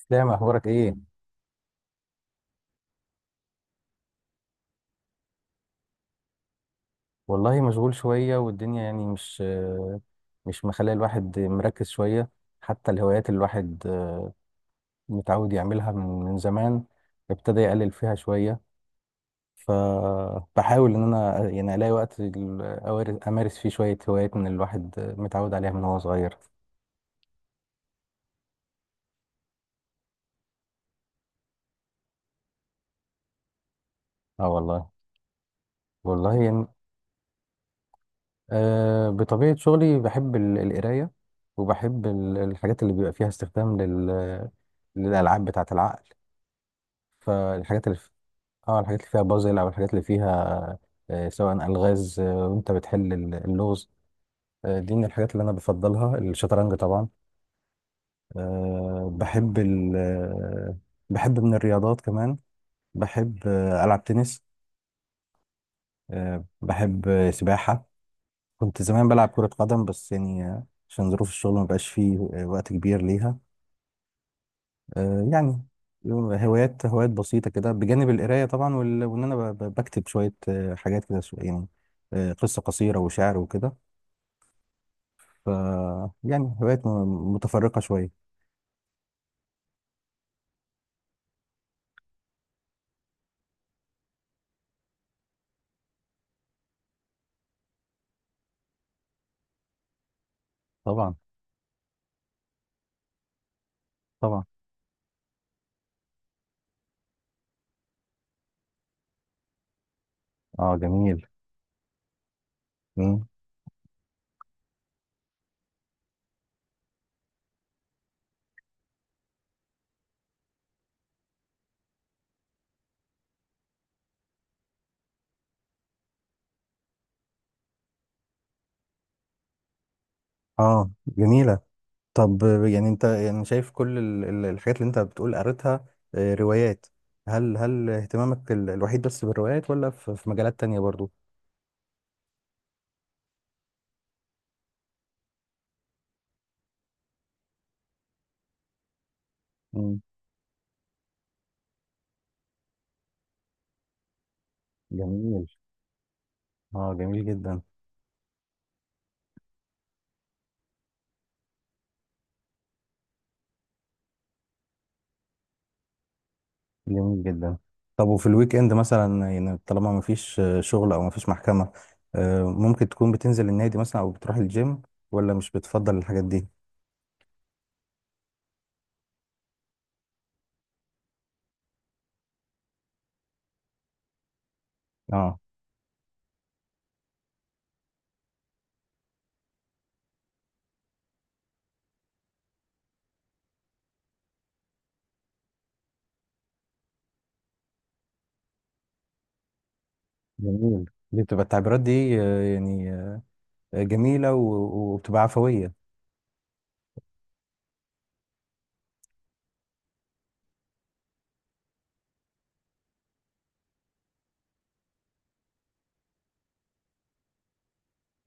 اسلام اخبارك ايه؟ والله مشغول شويه والدنيا يعني مش مخليه الواحد مركز شويه. حتى الهوايات اللي الواحد متعود يعملها من زمان ابتدى يقلل فيها شويه. فبحاول ان انا يعني الاقي وقت امارس فيه شويه هوايات من الواحد متعود عليها من وهو صغير. اه والله. والله يعني بطبيعه شغلي بحب القرايه، وبحب الحاجات اللي بيبقى فيها استخدام لل للألعاب بتاعة العقل. فالحاجات اللي في... اه الحاجات اللي فيها بازل او الحاجات اللي فيها سواء الغاز، وانت بتحل اللغز. دي من الحاجات اللي انا بفضلها الشطرنج طبعا. آه، بحب ال... آه، بحب من الرياضات كمان، بحب العب تنس، بحب سباحة. كنت زمان بلعب كرة قدم بس يعني عشان ظروف الشغل ما بقاش فيه وقت كبير ليها. يعني هوايات بسيطة كده بجانب القراية طبعا وإن أنا بكتب شوية حاجات كده يعني قصة قصيرة وشعر وكده. ف يعني هوايات متفرقة شوية. طبعا. طبعا. اه جميل. مم. اه جميلة. طب يعني أنت يعني شايف كل الحاجات اللي أنت بتقول قريتها روايات، هل اهتمامك الوحيد بس بالروايات، ولا في في مجالات تانية برضو؟ مم. جميل. اه جميل جدا. جميل جدا. طب وفي الويك اند مثلا يعني طالما ما فيش شغل او ما فيش محكمة، ممكن تكون بتنزل النادي مثلا او بتروح الجيم، ولا مش بتفضل الحاجات دي؟ اه جميل. دي بتبقى التعبيرات دي يعني جميلة وبتبقى عفوية.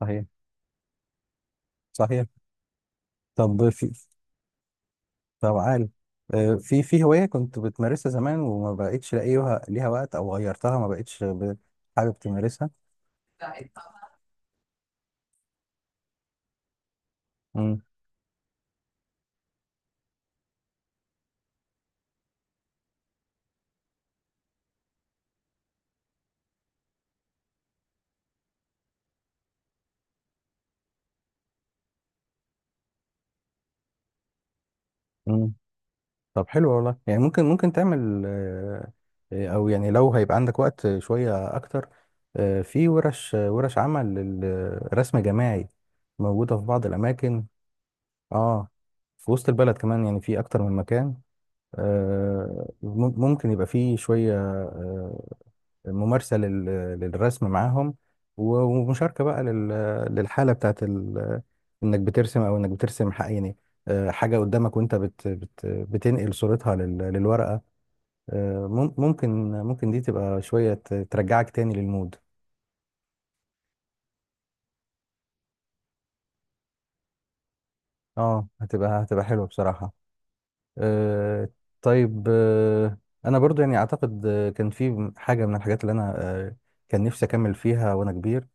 صحيح. صحيح. طب في، طب عالي، في في هواية كنت بتمارسها زمان وما بقتش لاقيها ليها وقت، او غيرتها ما بقتش حابب تمارسها؟ مم. مم. طب حلو والله، يعني ممكن تعمل او يعني لو هيبقى عندك وقت شوية اكتر في ورش، ورش عمل للرسم الجماعي موجودة في بعض الاماكن. اه في وسط البلد كمان، يعني في اكتر من مكان. ممكن يبقى في شوية ممارسة للرسم معاهم ومشاركة بقى للحالة بتاعت انك بترسم، او انك بترسم حق يعني حاجة قدامك، وانت بت بت بتنقل صورتها للورقة. ممكن دي تبقى شوية ترجعك تاني للمود. اه هتبقى حلوة بصراحة. آه، طيب انا برضو يعني اعتقد كان في حاجة من الحاجات اللي انا كان نفسي اكمل فيها وانا كبير،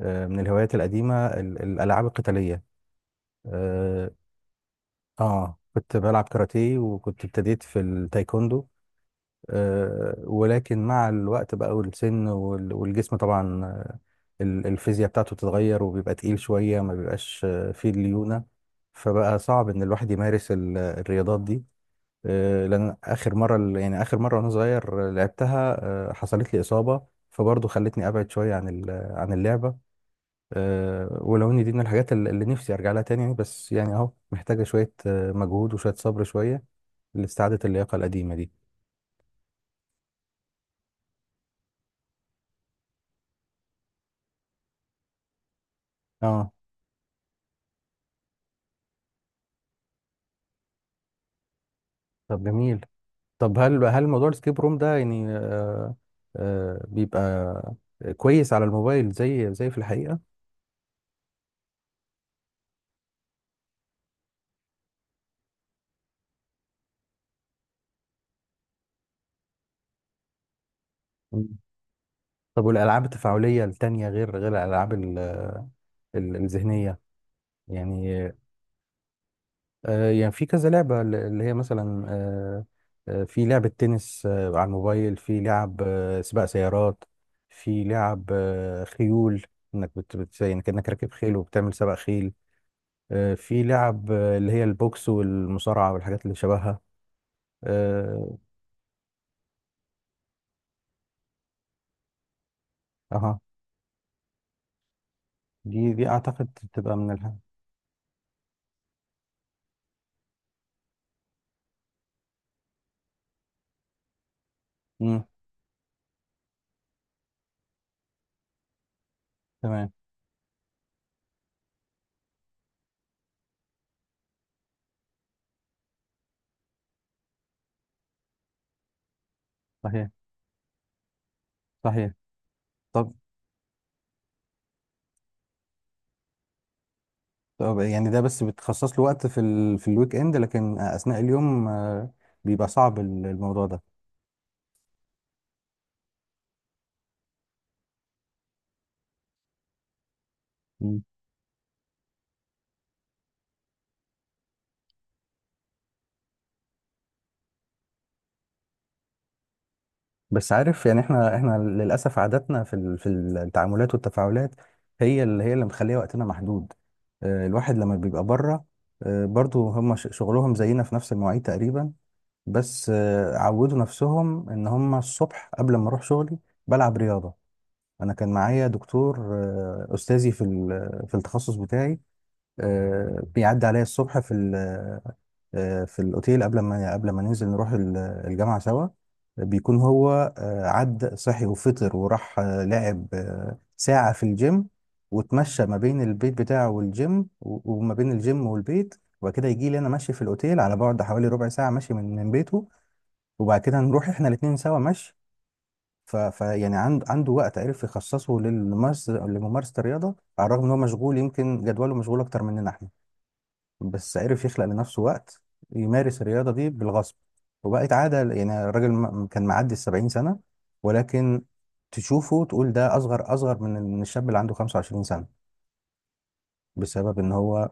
من الهوايات القديمة الالعاب القتالية. اه، كنت بلعب كاراتيه، وكنت ابتديت في التايكوندو، ولكن مع الوقت بقى والسن والجسم طبعا الفيزياء بتاعته بتتغير وبيبقى تقيل شوية، ما بيبقاش فيه الليونة. فبقى صعب ان الواحد يمارس الرياضات دي. لان اخر مرة يعني اخر مرة وانا صغير لعبتها حصلت لي إصابة، فبرضه خلتني ابعد شوية عن عن اللعبة. ولو ان دي من الحاجات اللي نفسي ارجع لها تاني، يعني بس يعني اهو محتاجة شوية مجهود وشوية صبر شوية لاستعادة اللياقة القديمة دي. اه. طب جميل. طب هل هل موضوع السكيب روم ده يعني آه آه بيبقى كويس على الموبايل زي زي في الحقيقة؟ مم. طب والألعاب التفاعلية التانية غير الألعاب الذهنية، يعني يعني في كذا لعبة اللي هي مثلا في لعبة تنس آه على الموبايل، في لعب آه سباق سيارات، في لعب آه خيول، انك يعني كأنك راكب خيل وبتعمل سباق خيل، في لعب آه اللي هي البوكس والمصارعة والحاجات اللي شبهها. آه، اها دي دي اعتقد تبقى من الهم. امم. تمام. صحيح. صحيح. طب طب يعني ده بس بتخصص له وقت في ال... في الويك اند، لكن اثناء اليوم بيبقى صعب الموضوع ده. مم. بس عارف يعني احنا للاسف عاداتنا في ال... في التعاملات والتفاعلات هي اللي مخليه وقتنا محدود. الواحد لما بيبقى بره، برضو هم شغلهم زينا في نفس المواعيد تقريبا، بس عودوا نفسهم ان هم الصبح قبل ما اروح شغلي بلعب رياضة. انا كان معايا دكتور استاذي في في التخصص بتاعي، بيعدي عليا الصبح في في الاوتيل قبل ما ننزل نروح الجامعه سوا. بيكون هو عد صحي وفطر وراح لعب ساعه في الجيم، واتمشى ما بين البيت بتاعه والجيم وما بين الجيم والبيت، وبعد كده يجي لي انا ماشي في الاوتيل على بعد حوالي ربع ساعه ماشي من بيته، وبعد كده نروح احنا الاتنين سوا مشي. ف... ف يعني عنده وقت عرف يخصصه للممارسة لممارسة الرياضة، على الرغم ان هو مشغول، يمكن جدوله مشغول اكتر مننا احنا، بس عرف يخلق لنفسه وقت يمارس الرياضة دي بالغصب وبقت عادة. يعني الراجل كان معدي السبعين سنة، ولكن تشوفه تقول ده اصغر من الشاب اللي عنده 25 سنة، بسبب ان هو.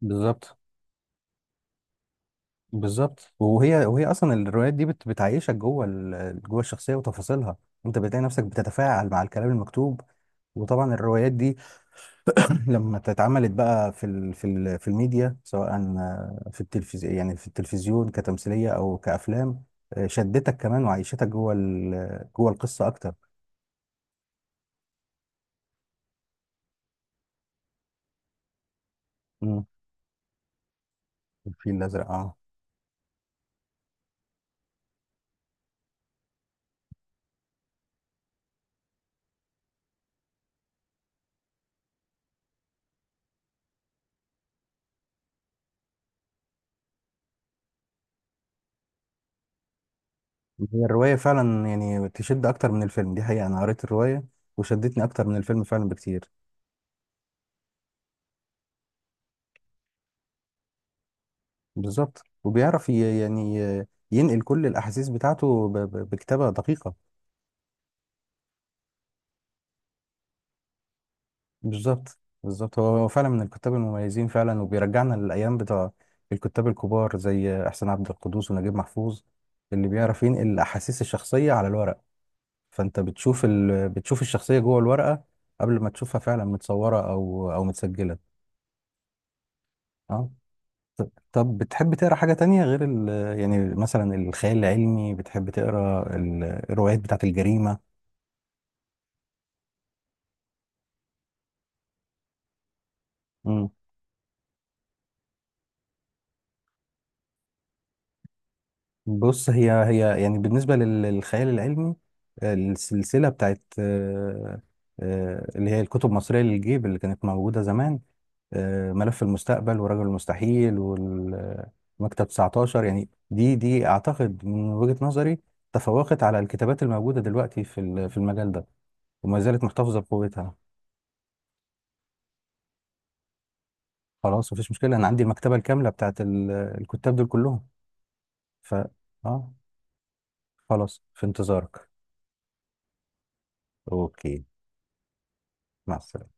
بالظبط. بالظبط وهي اصلا الروايات دي بتعيشك جوه ال... جوه الشخصية وتفاصيلها. انت بتلاقي نفسك بتتفاعل مع الكلام المكتوب، وطبعا الروايات دي لما اتعملت بقى في ال في ال في الميديا، سواء في التلفزيون يعني في التلفزيون كتمثيلية او كافلام، شدتك كمان وعيشتك جوه جوه القصة اكتر. مم. الفيل الازرق، اه هي الرواية فعلا يعني تشد اكتر من الفيلم، دي حقيقة، انا قريت الرواية وشدتني اكتر من الفيلم فعلا بكتير. بالظبط، وبيعرف يعني ينقل كل الاحاسيس بتاعته بكتابة دقيقة. بالظبط بالظبط، هو فعلا من الكتاب المميزين فعلا، وبيرجعنا للايام بتوع الكتاب الكبار زي احسان عبد القدوس ونجيب محفوظ اللي بيعرف ينقل الاحاسيس الشخصيه على الورق. فانت بتشوف ال... بتشوف الشخصيه جوه الورقه قبل ما تشوفها فعلا متصوره او متسجله. اه. طب بتحب تقرا حاجه تانية غير ال...، يعني مثلا الخيال العلمي، بتحب تقرا الروايات بتاعت الجريمه؟ بص، هي هي يعني بالنسبة للخيال العلمي السلسلة بتاعت اللي هي الكتب المصرية للجيب اللي كانت موجودة زمان، ملف المستقبل ورجل المستحيل والمكتب 19، يعني دي أعتقد من وجهة نظري تفوقت على الكتابات الموجودة دلوقتي في في المجال ده، وما زالت محتفظة بقوتها. خلاص مفيش مشكلة، أنا عندي المكتبة الكاملة بتاعت الكتاب دول كلهم. ف، آه، خلاص في انتظارك. أوكي. مع السلامة.